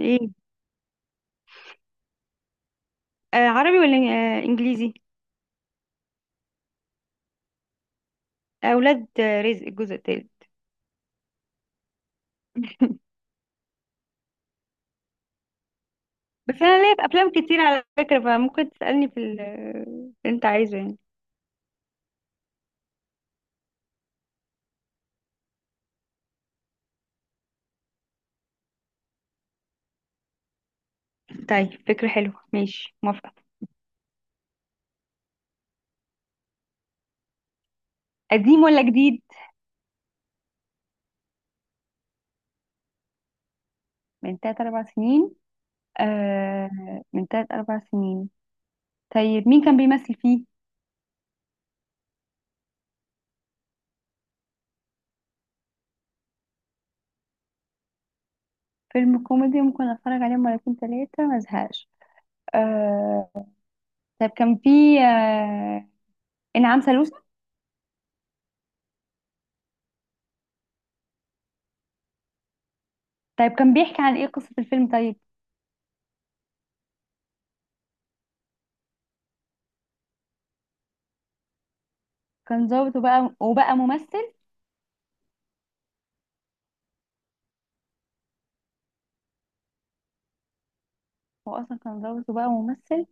ايه؟ آه، عربي ولا انجليزي؟ اولاد آه، رزق الجزء الثالث. بس انا ليا في افلام كتير على فكره، فممكن تسالني في اللي انت عايزه يعني. طيب، فكره حلوه، ماشي موافقه. قديم ولا جديد؟ من تلات أربع سنين. آه، من تلات أربع سنين. طيب، مين كان بيمثل فيه؟ فيلم كوميدي ممكن أتفرج عليه مرتين تلاتة ما أزهقش. آه، طيب كان فيه آه، إنعام سالوسة؟ طيب، كان بيحكي عن إيه قصة الفيلم طيب؟ كان ظابط وبقى ممثل. هو اصلا كان متجوز وبقى ممثل.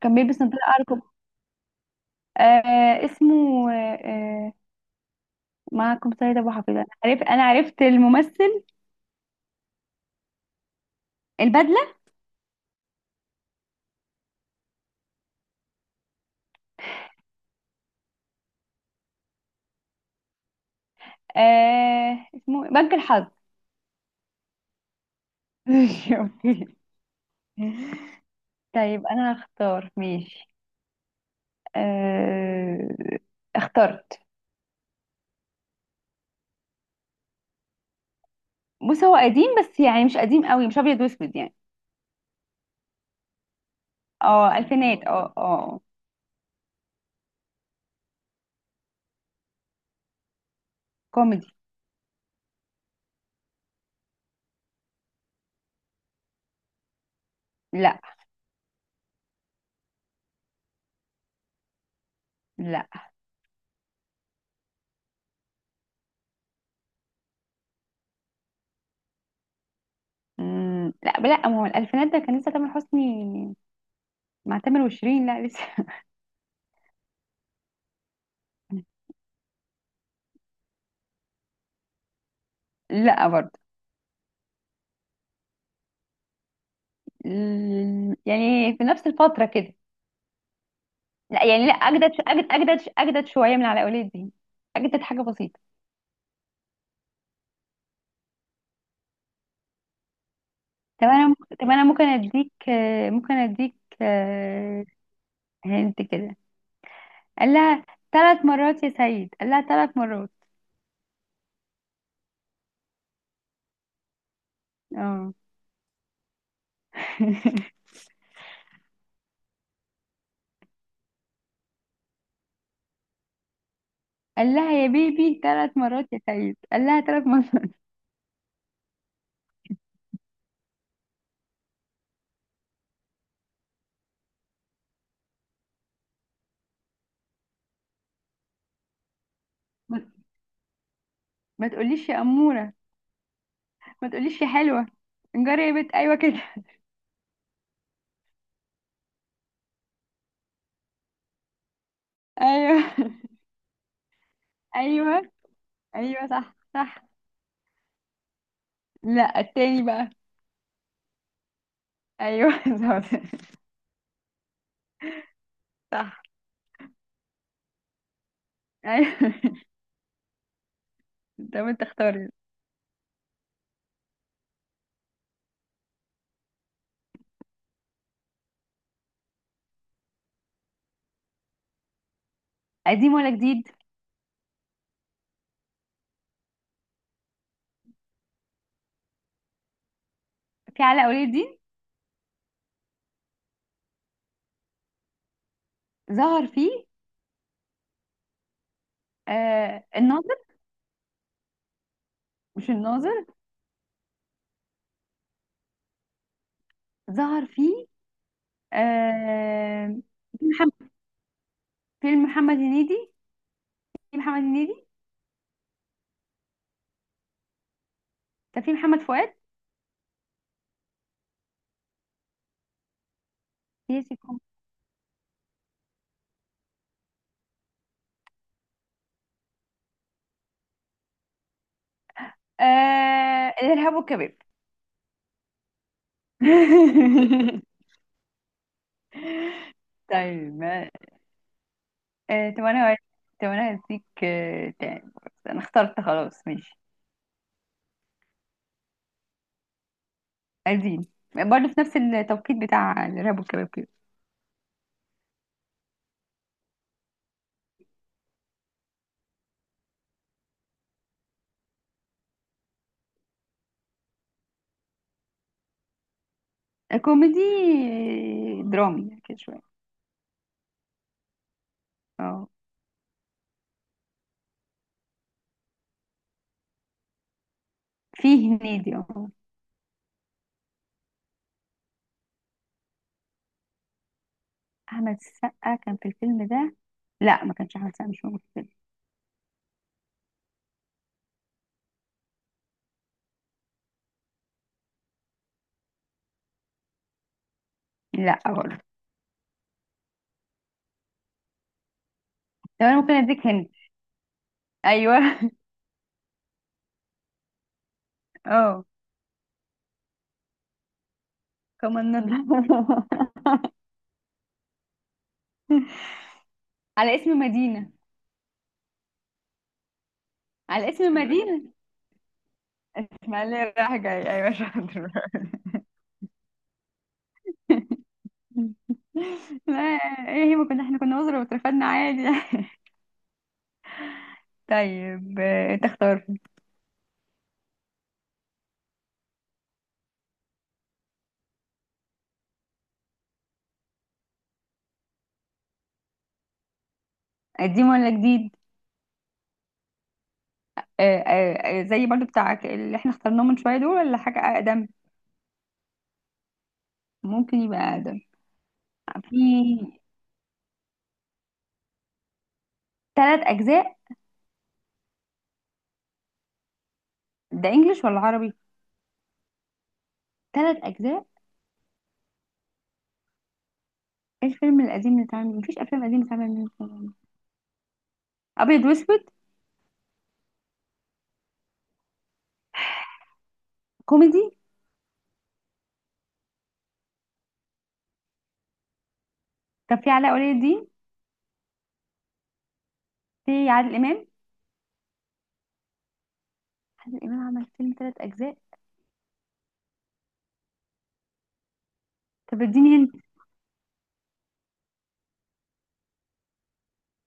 كان بيلبس نضاره ارجل. آه، اسمه آه معكم سيد ابو حفيظ. انا عرفت الممثل. البدله. آه، اسمه بنك الحظ. ماشي، أوكي. طيب، انا هختار ماشي. آه، اخترت. بص، هو قديم بس يعني مش قديم قوي، مش ابيض واسود يعني. اه الفينات، اه اه. كوميدي. لا لا. مم، لا، لا، ما هو الالفينات ده كان لسه تامر حسني. مع تامر وشيرين لا لسه. لا برضه. يعني في نفس الفترة كده. لا يعني، لا اجدد اجدد شوية من على اولاد دي. اجدد حاجة بسيطة. طب انا ممكن اديك آه، ممكن اديك آه، هنت كده. قال لها ثلاث مرات يا سيد، قال لها ثلاث مرات. اه. قال لها يا بيبي ثلاث مرات يا سيد، قال لها ثلاث مرات. ما ما تقوليش يا أمورة، ما تقوليش يا حلوة، انجري يا بنت. ايوه كده. ايوه. ايوه. ايوه صح صح. لا، التاني بقى. ايوه بالظبط. صح. ايوه. طب انت اختاري. قديم ولا جديد؟ في علاء ولي الدين؟ ظهر فيه. آه، الناظر. مش الناظر. ظهر فيه. آه، في محمد، فيلم محمد هنيدي. في محمد هنيدي. كان في محمد فؤاد. في ياسر آه، الارهاب والكباب. طيب آه، طب انا هديك آه تاني. انا اخترت خلاص، ماشي. قديم، برضه في نفس التوقيت بتاع الارهاب والكباب كده. كوميدي، آه، درامي كده شوية. اه، فيه هنيدي، اه. أحمد السقا كان في الفيلم ده؟ لا، ما كانش أحمد السقا، مش موجود في الفيلم. لا برضه. طب أنا ممكن أديك هندي؟ أيوه اه كمان نضرب. على اسم مدينة. على اسم مدينة. اسماعيلية رايح جاي، أيوه شاطر. لا. ايه هي، ما كنا احنا كنا وزراء واترفدنا عادي. طيب آه، تختار. قديم ولا جديد؟ آه، آه، آه، زي برضو بتاعك اللي احنا اخترناه من شوية دول، ولا حاجة أقدم؟ ممكن يبقى أقدم. في. ثلاث أجزاء؟ ده إنجليش ولا عربي؟ ثلاث أجزاء. إيه الفيلم القديم اللي اتعمل؟ مفيش أفلام قديمة اتعمل منه فيلم. أبيض وأسود؟ كوميدي. طب في علاء ولي الدين؟ في عادل إمام؟ عادل إمام عمل فيلم ثلاث أجزاء؟ طب اديني هنت.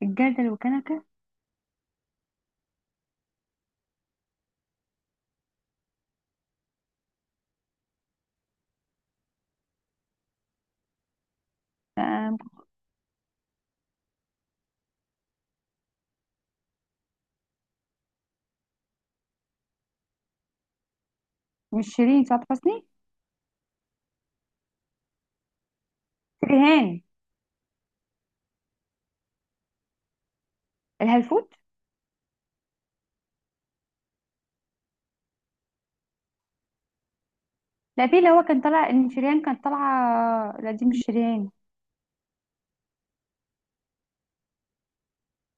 الجردل وكنكة. آه، مش شيرين، سعاد حسني. شريهان. الهلفوت. لا، في اللي هو كان طالع إن شريهان كانت طالعة. لا دي مش شريهان.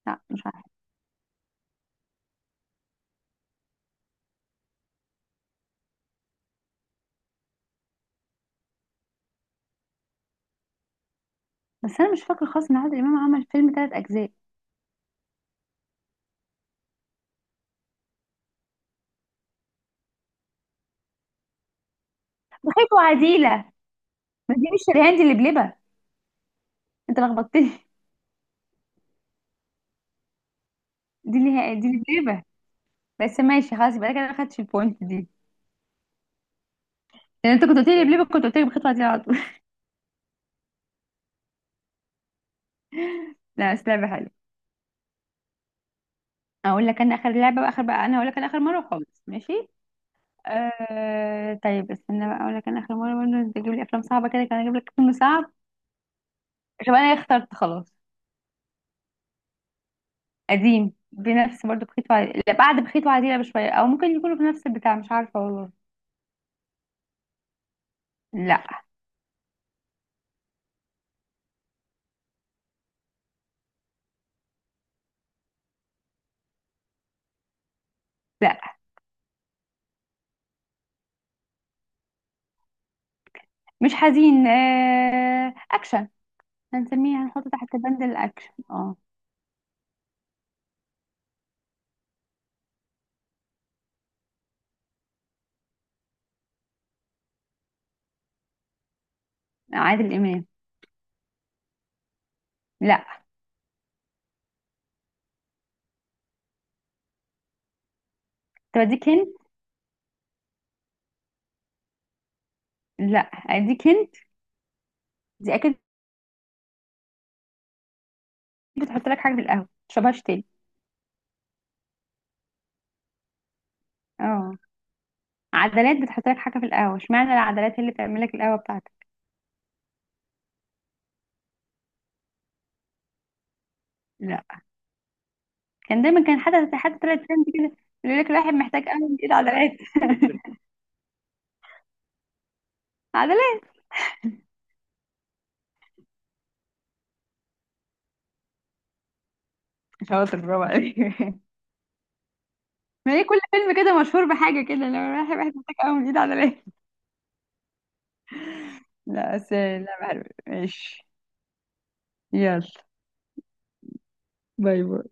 لا مش عارفة. بس أنا مش فاكرة خالص إن عادل إمام عمل فيلم ثلاث أجزاء. بخيت وعديلة. ما دي مش شريهان، دي اللي بلبة. انت لخبطتني. دي اللي بس ماشي خلاص، يبقى انا كده ما خدتش البوينت دي. لان انت كنت قلت لي بليبه، كنت قلت لي بالخطوه دي على طول. لا بس لعبه حلوه. اقول لك انا اخر لعبه بقى، اخر بقى، انا اقول لك انا اخر مره خالص، ماشي. آه، طيب استنى بقى، اقول لك انا اخر مره برضه، انت تجيب لي افلام صعبه كده، كان اجيب لك فيلم صعب. طب انا اخترت خلاص. قديم، بنفس برضه بخيط وعديلة، لا بعد بخيط وعديلة بشويه، او ممكن يكونوا في نفس البتاع، مش عارفه والله. لا. لا مش حزين، آه، اكشن. هنسميه، هنحطه تحت بند الاكشن، اه. عادل امام. لا. طب اديك هنت. لا اديك هنت، دي اكيد. بتحط لك حاجه في القهوه متشربهاش تاني. اه. عدلات بتحط لك حاجه في القهوه، اشمعنى العدلات هي اللي بتعمل لك القهوه بتاعتك. لا. كان دايما كان حد طلع ترند كده يقول لك الواحد محتاج قهوه من ايد عدلات. عدلات. شاطر، برافو عليك. ما هي كل فيلم كده مشهور بحاجه كده، لو الواحد محتاج قهوه من ايد عدلات. لا بس لا بعرف. ماشي. يلا. باي باي.